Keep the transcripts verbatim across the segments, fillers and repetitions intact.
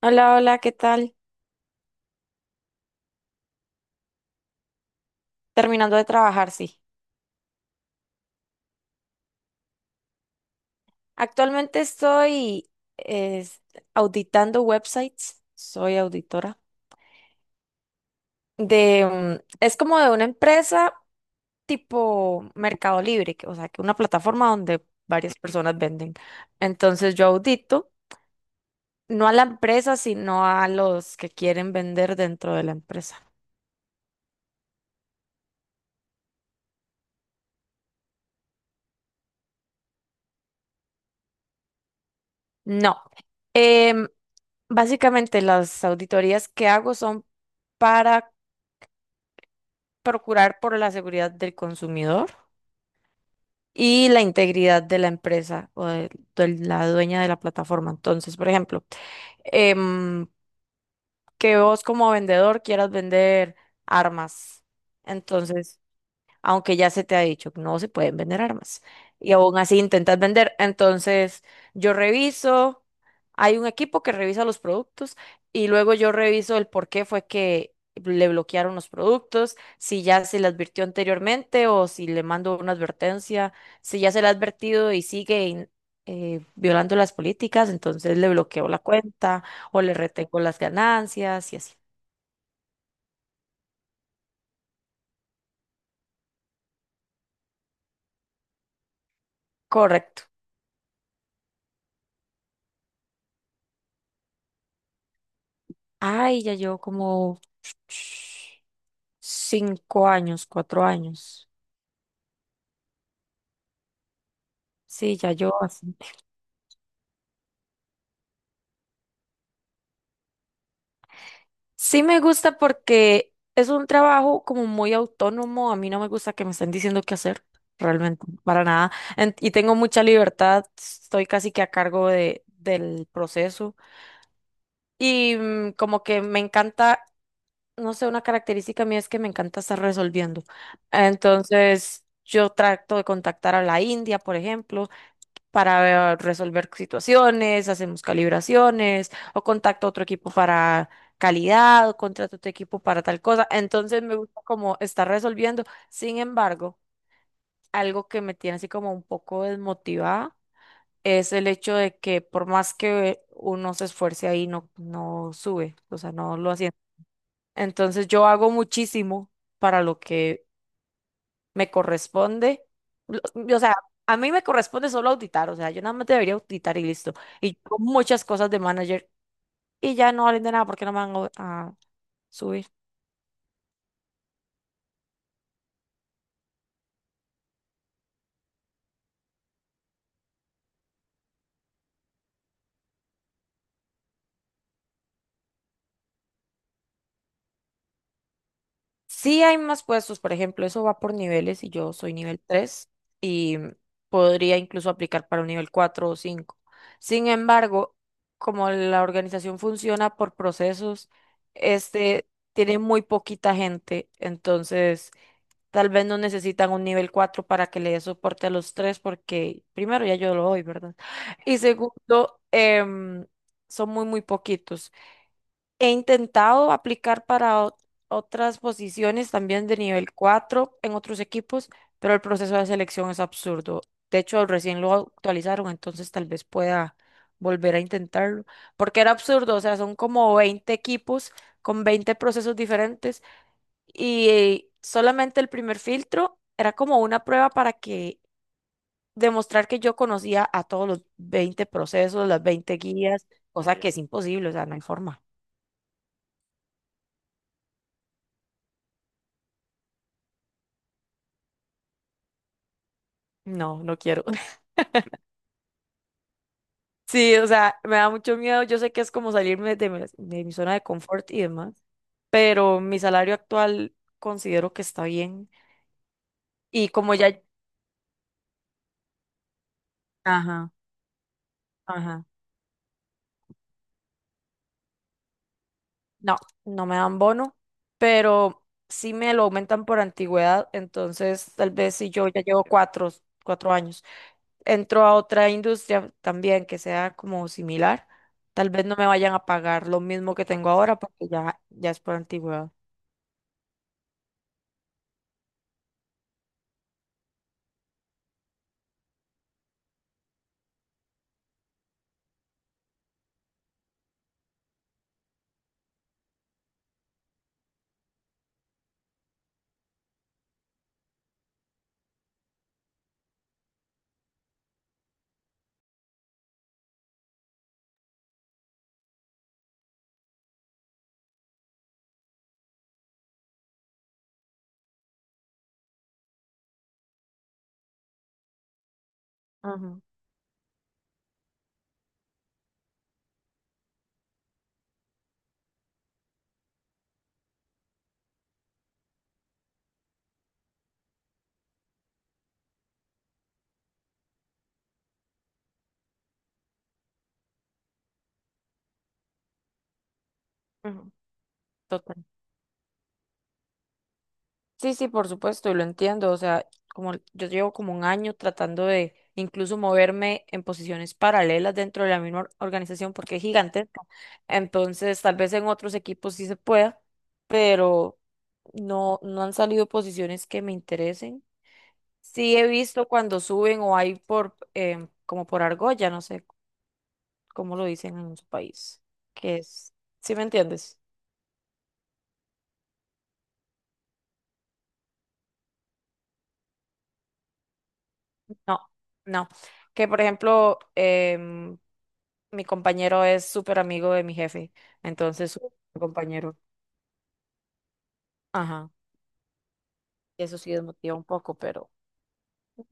Hola, hola, ¿qué tal? Terminando de trabajar, sí. Actualmente estoy es, auditando websites. Soy auditora de, mm, es como de una empresa tipo Mercado Libre, que- o sea, que una plataforma donde varias personas venden. Entonces yo audito, no a la empresa, sino a los que quieren vender dentro de la empresa. No. Em, Básicamente las auditorías que hago son para procurar por la seguridad del consumidor y la integridad de la empresa o de, de la dueña de la plataforma. Entonces, por ejemplo, em, que vos como vendedor quieras vender armas. Entonces, aunque ya se te ha dicho que no se pueden vender armas. Y aún así intentas vender. Entonces, yo reviso, hay un equipo que revisa los productos y luego yo reviso el por qué fue que le bloquearon los productos, si ya se le advirtió anteriormente o si le mando una advertencia, si ya se le ha advertido y sigue in- eh, violando las políticas. Entonces le bloqueo la cuenta o le retengo las ganancias y así. Correcto. Ay, ya llevo como Cinco años, cuatro años. Sí, ya yo así. Sí me gusta porque es un trabajo como muy autónomo. A mí no me gusta que me estén diciendo qué hacer, realmente, para nada. En- y tengo mucha libertad. Estoy casi que a cargo de, del proceso. Y mm, como que me encanta, no sé, una característica mía es que me encanta estar resolviendo. Entonces, yo trato de contactar a la India, por ejemplo, para eh, resolver situaciones, hacemos calibraciones o contacto a otro equipo para calidad o contrato a otro equipo para tal cosa. Entonces me gusta como estar resolviendo. Sin embargo, algo que me tiene así como un poco desmotivada es el hecho de que por más que uno se esfuerce ahí, no, no sube, o sea, no lo hace. Entonces yo hago muchísimo para lo que me corresponde, o sea, a mí me corresponde solo auditar, o sea, yo nada más debería auditar y listo. Y yo hago muchas cosas de manager y ya no valen de nada porque no me van a, a subir. Sí hay más puestos, por ejemplo, eso va por niveles y yo soy nivel tres y podría incluso aplicar para un nivel cuatro o cinco. Sin embargo, como la organización funciona por procesos, este tiene muy poquita gente, entonces tal vez no necesitan un nivel cuatro para que le dé soporte a los tres, porque primero ya yo lo doy, ¿verdad? Y segundo, em, son muy, muy poquitos. He intentado aplicar para ot- otras posiciones también de nivel cuatro en otros equipos, pero el proceso de selección es absurdo. De hecho, recién lo actualizaron, entonces tal vez pueda volver a intentarlo, porque era absurdo, o sea, son como veinte equipos con veinte procesos diferentes y eh, solamente el primer filtro era como una prueba para que demostrar que yo conocía a todos los veinte procesos, las veinte guías, cosa que es imposible, o sea, no hay forma. No, no quiero. Sí, o sea, me da mucho miedo. Yo sé que es como salirme de mi, de mi zona de confort y demás, pero mi salario actual considero que está bien. Y como ya... Ajá, ajá. No, no me dan bono, pero sí me lo aumentan por antigüedad, entonces tal vez si yo ya llevo cuatro, cuatro años, entro a otra industria también que sea como similar, tal vez no me vayan a pagar lo mismo que tengo ahora porque ya, ya es por antigüedad. Ujú, Ujú. Sí, sí, por supuesto, y lo entiendo. O sea, como yo llevo como un año tratando de incluso moverme en posiciones paralelas dentro de la misma or- organización porque es gigantesca. Entonces, tal vez en otros equipos sí se pueda, pero no, no han salido posiciones que me interesen. Sí he visto cuando suben o hay por em, como por argolla, no sé cómo lo dicen en su país, que es, ¿sí me entiendes? No, no. Que por ejemplo, em, mi compañero es súper amigo de mi jefe, entonces su compañero. Ajá. Eso sí desmotiva un poco, pero... Ujú,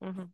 ujú.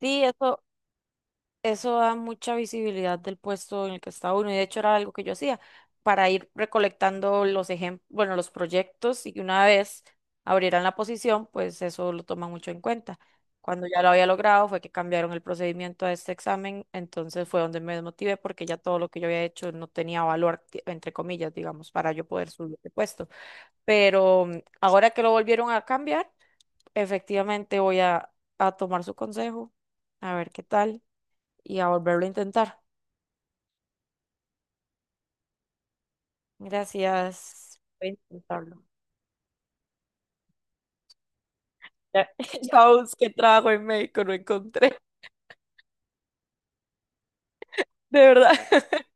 Sí, eso, Eso da mucha visibilidad del puesto en el que está uno, y de hecho era algo que yo hacía para ir recolectando los ejemplos, bueno, los proyectos, y que una vez abrieran la posición, pues eso lo toman mucho en cuenta. Cuando ya lo había logrado fue que cambiaron el procedimiento a este examen, entonces fue donde me desmotivé porque ya todo lo que yo había hecho no tenía valor, ti- entre comillas, digamos, para yo poder subir de puesto. Pero mm, ahora que lo volvieron a cambiar, efectivamente voy a, a tomar su consejo, a ver qué tal y a volverlo a intentar. Gracias. Voy a intentarlo. Ya, ya busqué trabajo en México, no encontré. De verdad.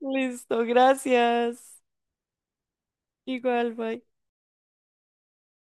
Listo, gracias. Igual, bye.